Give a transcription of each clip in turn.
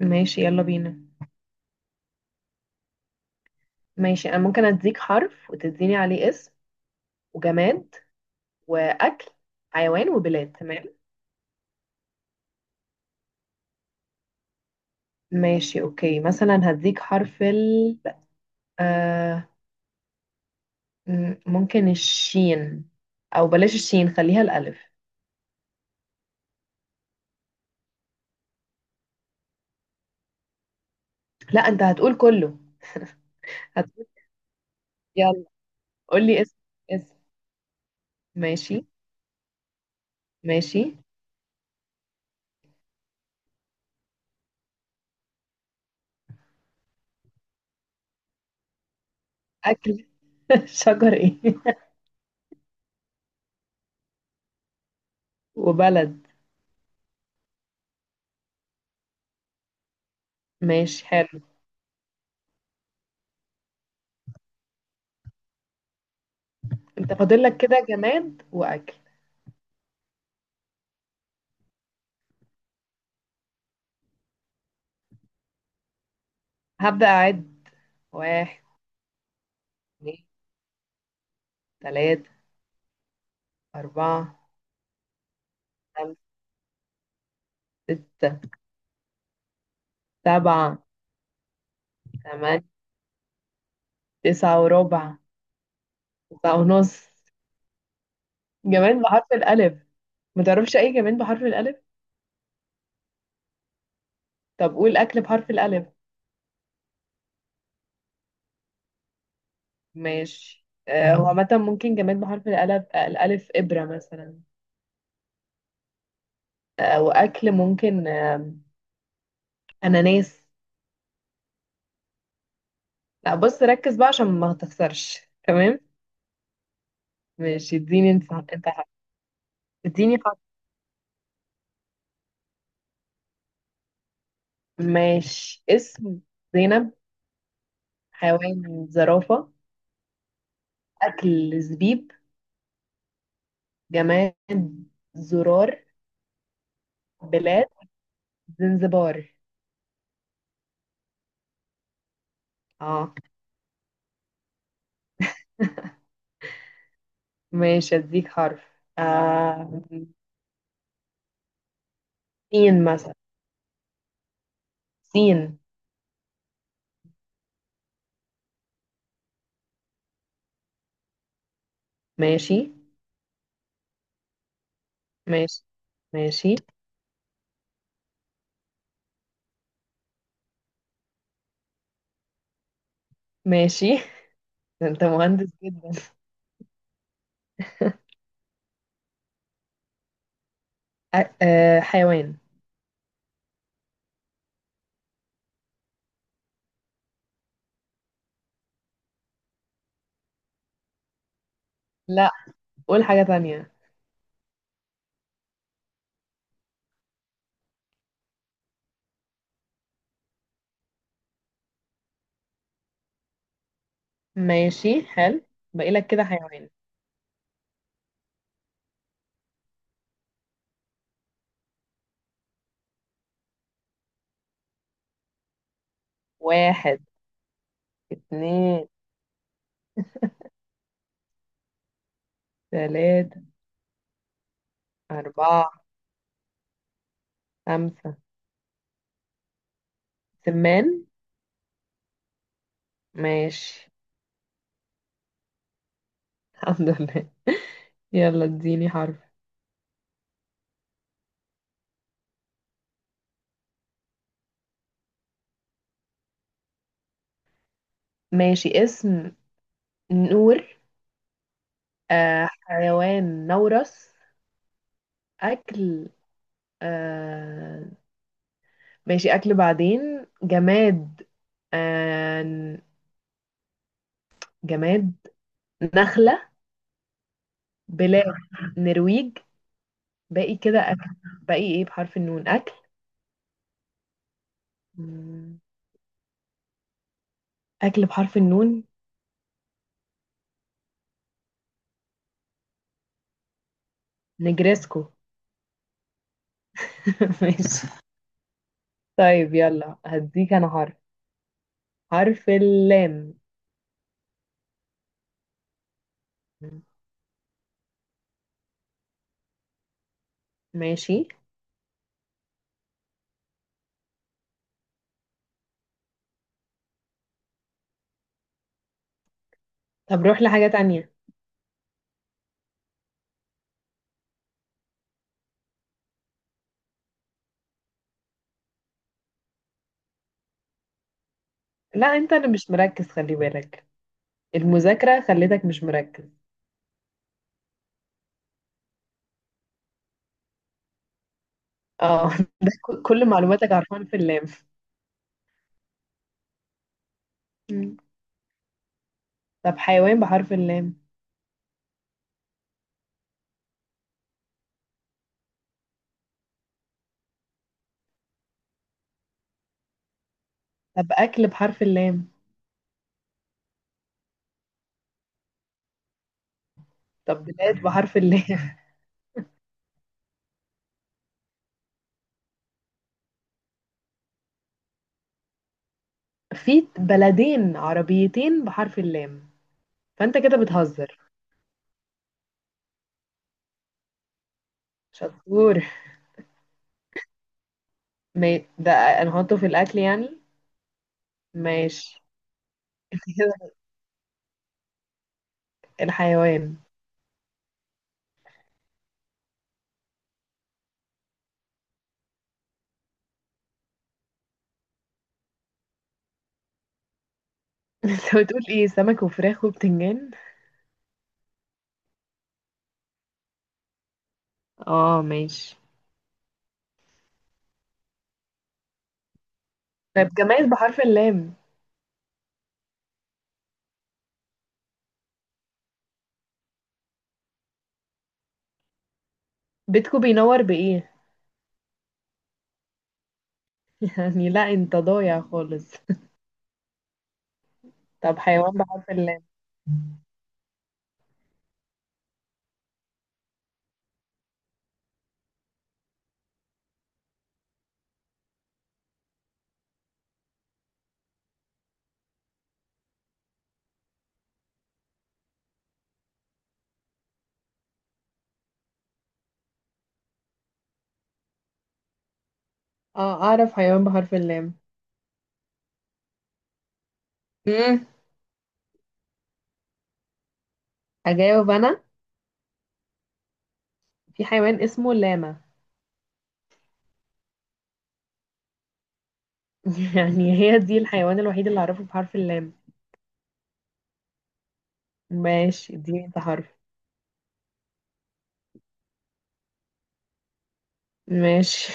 ماشي، يلا بينا. ماشي، انا ممكن اديك حرف وتديني عليه اسم وجماد واكل حيوان وبلاد. تمام. ماشي، اوكي، مثلا هديك حرف آه ممكن الشين او بلاش الشين، خليها الالف. لا، انت هتقول كله. هتقول، يلا قول لي اسم. ماشي. ماشي، اكل. شجر ايه؟ وبلد. ماشي حلو. انت فاضل لك كده جماد واكل. هبدأ اعد: واحد، اتنين، تلاتة، أربعة، خمسة، ستة، سبعة، تمانية، تسعة وربع، تسعة ونص. جماد بحرف الألف؟ ما تعرفش أي جماد بحرف الألف؟ طب قول أكل بحرف الألف. ماشي. هو عامة ممكن جماد بحرف الألف، الألف إبرة مثلا. وأكل ممكن، أناناس. لا، بص ركز بقى عشان ما تخسرش. تمام، ماشي، اديني انت حق. اديني حق. ماشي، اسم زينب، حيوان زرافة، أكل زبيب، جماد زرار، بلاد زنزبار. اه، ماشي، اديك حرف. آه. سين مثلا. سين. ماشي، ماشي، ماشي، ماشي. ده انت مهندس جدا. حيوان. لا، قول حاجة تانية. ماشي حلو. باقي لك كده حيوان. واحد، اتنين، تلاتة، أربعة، خمسة. سمان. ماشي. الحمد لله. يلا اديني حرف. ماشي، اسم نور. حيوان نورس. أكل. آه ماشي، أكل بعدين جماد. آه جماد نخلة. بلاد نرويج. باقي كده أكل. باقي إيه بحرف النون أكل؟ مم، أكل بحرف النون. نجرسكو. ماشي. طيب يلا هديك أنا حرف اللام. ماشي. طب روح لحاجة تانية. لا أنت، أنا مش مركز خلي بالك. المذاكرة خلتك مش مركز. اه. ده كل معلوماتك عارفاها في اللام. مم. طب حيوان بحرف اللام؟ طب أكل بحرف اللام؟ طب بلاد بحرف اللام؟ في بلدين عربيتين بحرف اللام. فأنت كده بتهزر. شطور. ما ده، هنحطه في الأكل يعني. ماشي. كده الحيوان. انت بتقول ايه، سمك وفراخ وبتنجان. اه، ماشي. طب جماد بحرف اللام. بيتكو بينور بإيه؟ يعني لا، انت ضايع خالص. طب حيوان بحرف اللام. اه، اعرف حيوان بحرف اللام. مم. اجاوب انا. في حيوان اسمه لاما. يعني هي دي الحيوان الوحيد اللي اعرفه بحرف اللام. ماشي، اديني انت حرف. ماشي،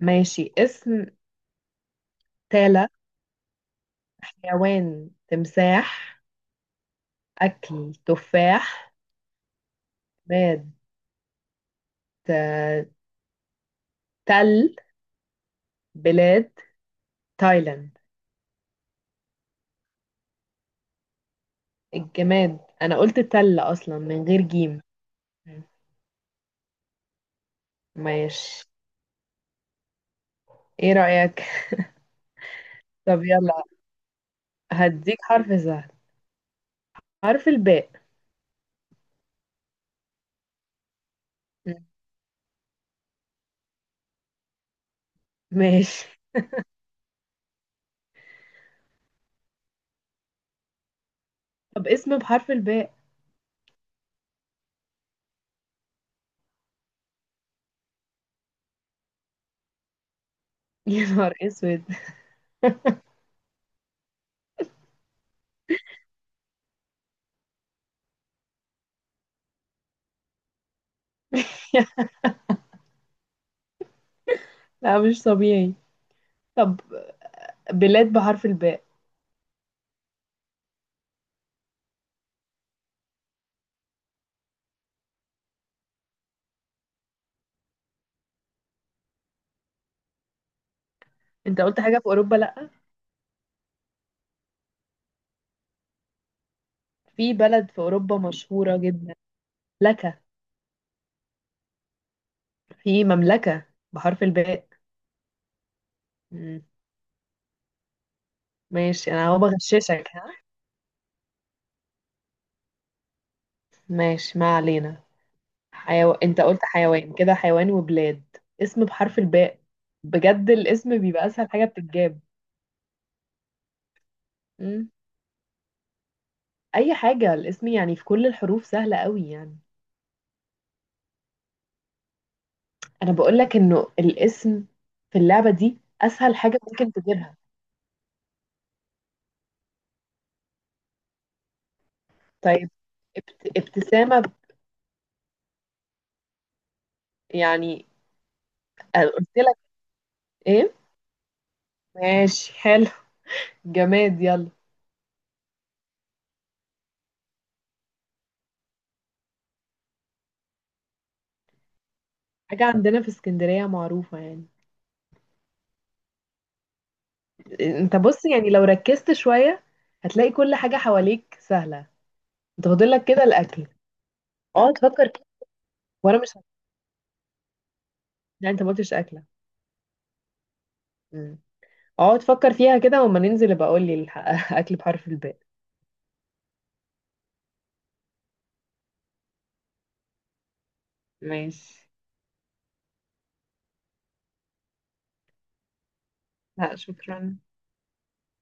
ماشي. اسم تالة. حيوان تمساح. اكل تفاح. جماد آه، تل. بلاد تايلاند. الجماد انا قلت تل اصلا من غير جيم. ماشي. ايه رأيك؟ طب يلا هديك حرف سهل. حرف الباء. ماشي. طب اسم بحرف الباء. يا نهار اسود. لا، مش طبيعي. طب بلاد بحرف الباء. انت قلت حاجة في اوروبا، لا. في بلد في اوروبا مشهورة جدا لك. في مملكة بحرف الباء. مم. ماشي، انا هو بغششك ها. ماشي، ما علينا. انت قلت حيوان، كده حيوان وبلاد. اسم بحرف الباء، بجد الاسم بيبقى اسهل حاجة بتتجاب. مم. اي حاجة، الاسم يعني في كل الحروف سهلة قوي يعني. انا بقول لك انه الاسم في اللعبة دي اسهل حاجة ممكن تجيبها. طيب ابتسامة يعني. أنا قلت لك. ايه. ماشي حلو. جماد يلا. حاجة عندنا في اسكندرية معروفة يعني. انت بص يعني لو ركزت شوية هتلاقي كل حاجة حواليك سهلة. انت فاضل لك كده الاكل. اقعد فكر كده. وانا مش، يعني انت ما قلتش اكلة. مم. اقعد فكر فيها كده وما ننزل ابقى اقول لي اكل بحرف الباء. ماشي. لا شكرا.